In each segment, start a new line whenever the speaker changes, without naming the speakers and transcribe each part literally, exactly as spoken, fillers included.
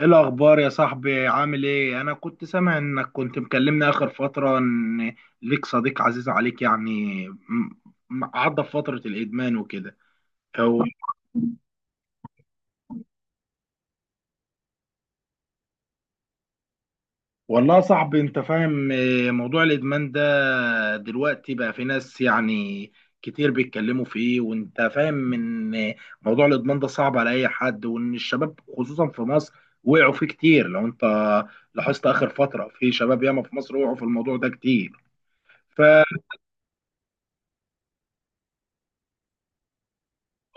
ايه الاخبار يا صاحبي؟ عامل ايه؟ انا كنت سامع انك كنت مكلمني اخر فتره ان ليك صديق عزيز عليك يعني م- م- عدى في فتره الادمان وكده. هو والله يا صاحبي انت فاهم إيه، موضوع الادمان ده دلوقتي بقى في ناس يعني كتير بيتكلموا فيه، وانت فاهم ان موضوع الادمان ده صعب على اي حد، وان الشباب خصوصا في مصر وقعوا فيه كتير. لو انت لاحظت اخر فتره في شباب ياما في مصر وقعوا في الموضوع ده كتير. ف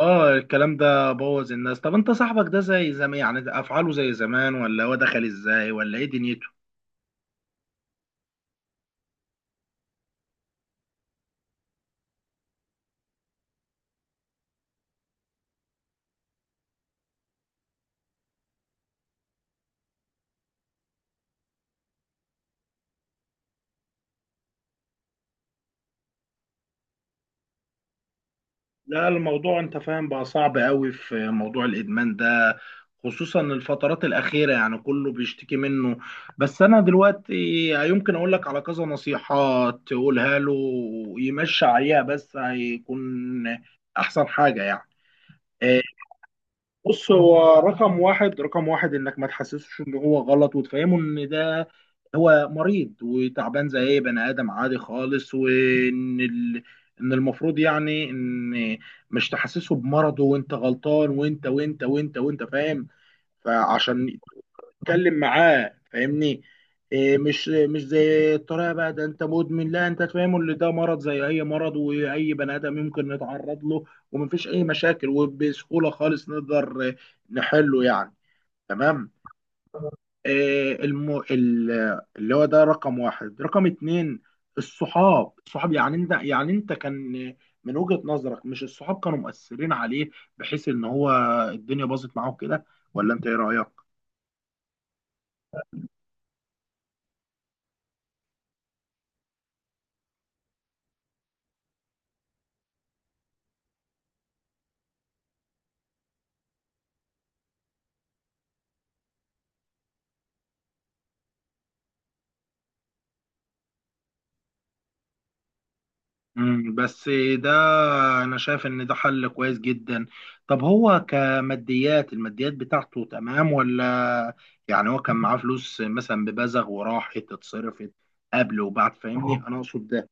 اه الكلام ده بوظ الناس. طب انت صاحبك ده زي زمان يعني؟ ده افعاله زي زمان، ولا هو دخل ازاي؟ ولا ايه دنيته؟ لا الموضوع انت فاهم بقى صعب قوي في موضوع الادمان ده، خصوصا الفترات الاخيره يعني كله بيشتكي منه. بس انا دلوقتي يمكن اقول لك على كذا نصيحه تقولها له يمشي عليها، بس هيكون احسن حاجه يعني. آه، بص، هو رقم واحد رقم واحد انك ما تحسسوش ان هو غلط، وتفهمه ان ده هو مريض وتعبان زي اي بني ادم عادي خالص، وان ال... ان المفروض يعني ان مش تحسسه بمرضه. وانت غلطان وانت وانت وانت وانت فاهم. فعشان اتكلم معاه، فاهمني إيه؟ مش مش زي الطريقه بقى ده انت مدمن، لا، انت تفهمه ان ده مرض زي اي مرض واي بني ادم يمكن نتعرض له، ومفيش اي مشاكل، وبسهوله خالص نقدر آه، نحله يعني. تمام. إيه الم... ال- اللي هو ده رقم واحد رقم اتنين، الصحاب. الصحاب يعني انت، يعني انت كان من وجهة نظرك مش الصحاب كانوا مؤثرين عليه، بحيث ان هو الدنيا باظت معاه كده؟ ولا انت ايه رأيك؟ مم، بس ده انا شايف ان ده حل كويس جدا. طب هو كماديات الماديات بتاعته تمام، ولا يعني هو كان معاه فلوس مثلا ببزغ وراحت اتصرفت قبل وبعد؟ فاهمني انا اقصد ده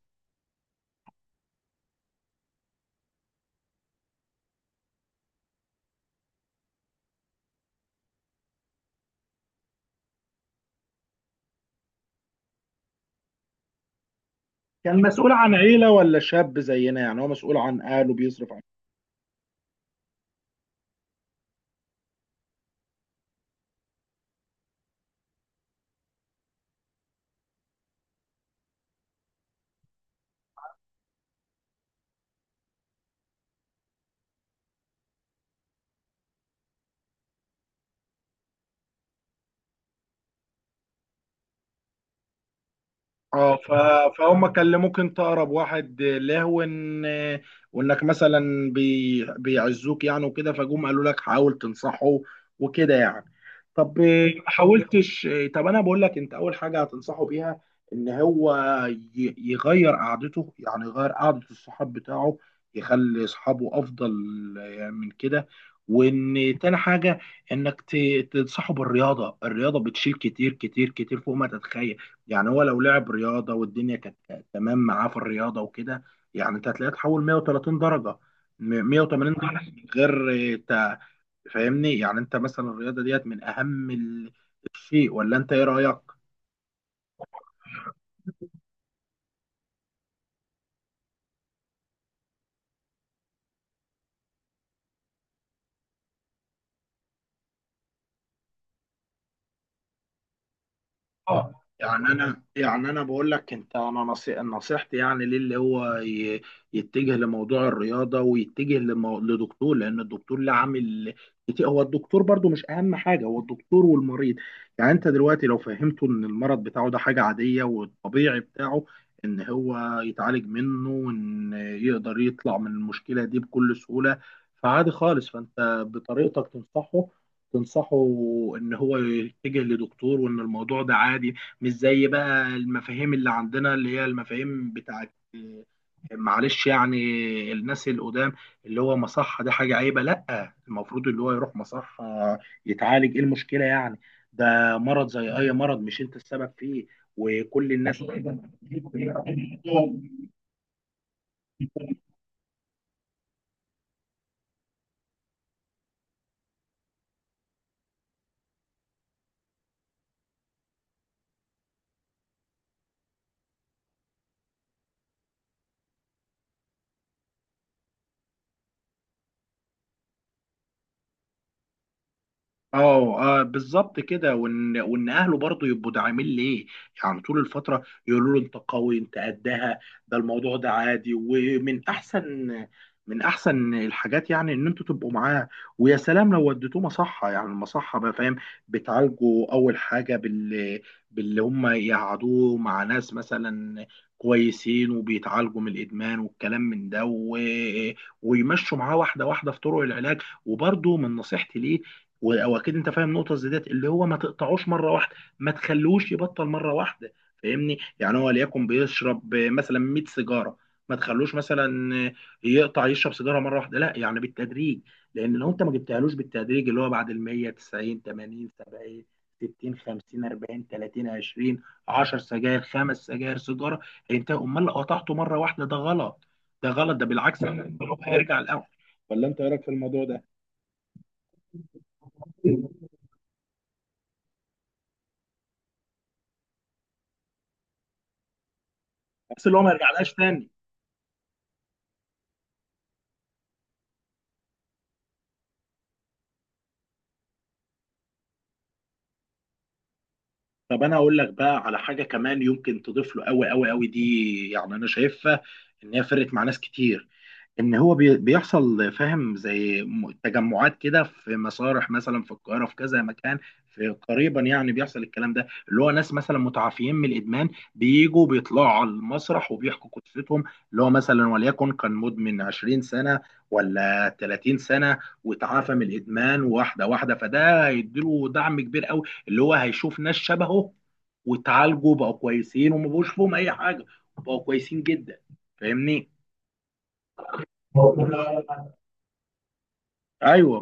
كان مسؤول عن عيلة، ولا شاب زينا؟ يعني هو مسؤول عن اهله بيصرف؟ اه ف... فهم كان ممكن تقرب واحد لهو، ان وانك مثلا بي... بيعزوك يعني وكده، فجم قالوا لك حاول تنصحه وكده يعني. طب ما حاولتش؟ طب انا بقول لك انت اول حاجه هتنصحه بيها ان هو ي... يغير قعدته، يعني يغير قعده الصحاب بتاعه، يخلي اصحابه افضل من كده. وان تاني حاجه انك ت... تنصحه بالرياضه. الرياضه بتشيل كتير كتير كتير فوق ما تتخيل. يعني هو لو لعب رياضه والدنيا كانت تمام معاه في الرياضه وكده، يعني انت هتلاقيه اتحول مئة وثلاثين درجه، م- مية وتمانين درجه من غير آه، تا- فاهمني. يعني انت مثلا الرياضه ديت من اهم ال- الشيء، ولا انت ايه رايك؟ اه يعني انا، يعني انا بقول لك انت، انا نصي... نصيحتي يعني ليه اللي هو ي... يتجه لموضوع الرياضه، ويتجه لمو... لدكتور، لان الدكتور له عامل كتير. هو الدكتور برضو مش اهم حاجه، هو الدكتور والمريض. يعني انت دلوقتي لو فهمته ان المرض بتاعه ده حاجه عاديه، والطبيعي بتاعه ان هو يتعالج منه، وان يقدر يطلع من المشكله دي بكل سهوله، فعادي خالص. فانت بطريقتك تنصحه، تنصحه ان هو يتجه لدكتور، وان الموضوع ده عادي، مش زي بقى المفاهيم اللي عندنا، اللي هي المفاهيم بتاعت معلش يعني الناس القدام، اللي هو مصحة دي حاجة عيبة. لا، المفروض اللي هو يروح مصحة يتعالج. ايه المشكلة يعني؟ ده مرض زي اي مرض، مش انت السبب فيه وكل الناس. اه آه، بالظبط كده. وان وان اهله برضه يبقوا داعمين ليه، يعني طول الفتره يقولوا له انت قوي انت قدها، ده الموضوع ده عادي. ومن احسن من احسن الحاجات يعني ان انتوا تبقوا معاه، ويا سلام لو وديتوه مصحه. يعني المصحه بقى فاهم بتعالجوا اول حاجه بال باللي هم يقعدوه مع ناس مثلا كويسين وبيتعالجوا من الادمان والكلام من ده، و... ويمشوا معاه واحده واحده في طرق العلاج. وبرضه من نصيحتي ليه، و- واكيد انت فاهم نقطه زي ديت، اللي هو ما تقطعوش مره واحده، ما تخلوش يبطل مره واحده. فاهمني، يعني هو ليكن بيشرب مثلا مية سيجاره، ما تخلوش مثلا يقطع يشرب سيجاره مره واحده، لا، يعني بالتدريج. لان لو انت ما جبتهالوش بالتدريج، اللي هو بعد ال مية، تسعين، تمانين، سبعين، ستين، خمسين، اربعين، تلاتين، عشرين، عشرة سجاير، خمس سجاير، سيجاره، هينتهي. امال لو قطعته مره واحده ده غلط، ده غلط، ده بالعكس، هيرجع الاول. ولا انت ايه رايك في الموضوع ده؟ بس اللي هو ما يرجعلهاش تاني. طب انا اقول لك بقى على حاجه كمان يمكن تضيف له، قوي قوي قوي. دي يعني انا شايفها ان هي فرقت مع ناس كتير، ان هو بي- بيحصل فاهم زي م- تجمعات كده في مسارح مثلا في القاهره، في كذا مكان، في قريبا، يعني بيحصل الكلام ده، اللي هو ناس مثلا متعافيين من الادمان بيجوا بيطلعوا على المسرح وبيحكوا قصتهم، اللي هو مثلا وليكن كان مدمن عشرين سنه، ولا تلاتين سنه، وتعافى من الادمان واحده واحده. فده هيديله دعم كبير قوي، اللي هو هيشوف ناس شبهه وتعالجوا بقوا كويسين، وما بقوش فيهم اي حاجه، وبقوا كويسين جدا. فاهمني؟ ايوه.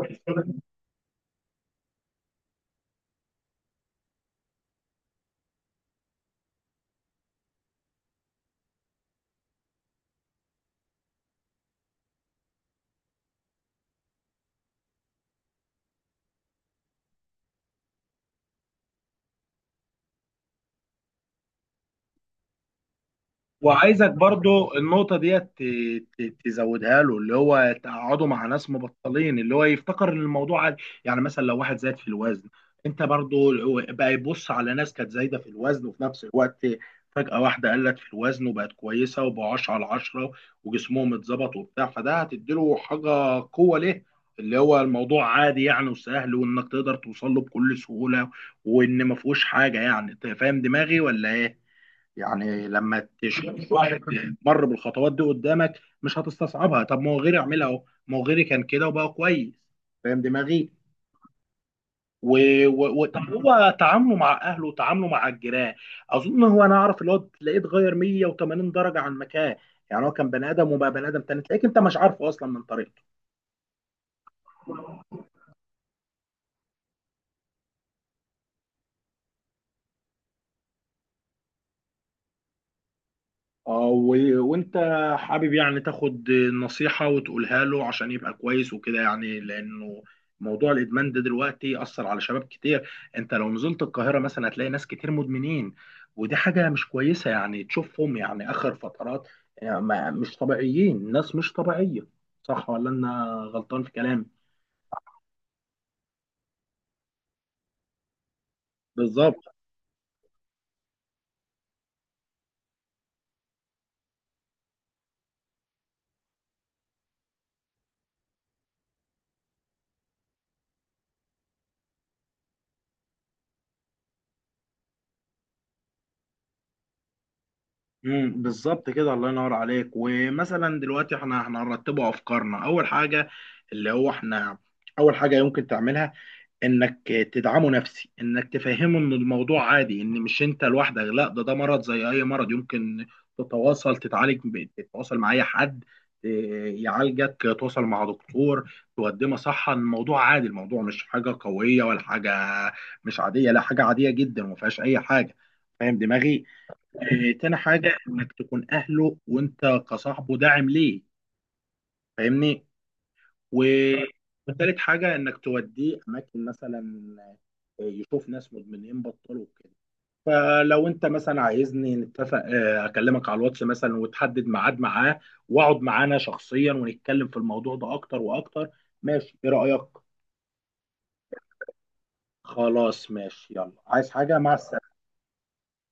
وعايزك برضو النقطه ديت ت- ت- تزودها له، اللي هو تقعده مع ناس مبطلين، اللي هو يفتكر ان الموضوع عادي. يعني مثلا لو واحد زاد في الوزن، انت برضو بقى يبص على ناس كانت زايده في الوزن، وفي نفس الوقت فجاه واحده قلت في الوزن وبقت كويسه وبقوا عشرة على عشرة، وجسمهم اتظبط وبتاع، فده هتديله حاجه قوه ليه، اللي هو الموضوع عادي يعني وسهل، وانك تقدر توصل له بكل سهوله، وان ما فيهوش حاجه. يعني انت فاهم دماغي ولا ايه؟ يعني لما تشوف واحد مر بالخطوات دي قدامك مش هتستصعبها، طب ما هو غيري عملها اهو، ما هو غيري كان كده وبقى كويس. فاهم دماغي. و... و... و... طب هو تعامله مع اهله وتعامله مع الجيران، اظن هو انا اعرف اللي هو تلاقيه اتغير مية وتمانين درجه عن مكان. يعني هو كان بني ادم وبقى بني ادم تاني، تلاقيك انت مش عارفه اصلا من طريقته. اه و- وانت حابب يعني تاخد نصيحة وتقولها له عشان يبقى كويس وكده يعني، لانه موضوع الادمان ده دلوقتي اثر على شباب كتير. انت لو نزلت القاهرة مثلا هتلاقي ناس كتير مدمنين، ودي حاجة مش كويسة، يعني تشوفهم يعني اخر فترات يعني ما- مش طبيعيين، ناس مش طبيعية. صح، ولا انا غلطان في كلامي؟ بالظبط. امم بالظبط كده. الله ينور عليك. ومثلا دلوقتي احنا، احنا هنرتبه افكارنا. اول حاجة اللي هو احنا اول حاجة يمكن تعملها انك تدعمه نفسي، انك تفهمه ان الموضوع عادي، ان مش انت لوحدك، لا، ده ده مرض زي اي مرض يمكن تتواصل تتعالج، ب- تتواصل مع اي حد إيه، يعالجك، تتواصل مع دكتور تقدمه صحة. الموضوع عادي، الموضوع مش حاجة قوية ولا حاجة مش عادية، لا، حاجة عادية جدا وما فيهاش اي حاجة. فاهم دماغي؟ إيه، تاني حاجة، انك تكون اهله وانت كصاحبه داعم ليه. فاهمني. وثالث حاجة انك توديه اماكن مثلا، آه، يشوف ناس مدمنين بطلوا كده. فلو انت مثلا عايزني نتفق، آه، اكلمك على الواتس مثلا وتحدد ميعاد معاه، واقعد معانا شخصيا ونتكلم في الموضوع ده اكتر واكتر. ماشي؟ ايه رأيك؟ خلاص ماشي، يلا، عايز حاجة؟ مع السلامة.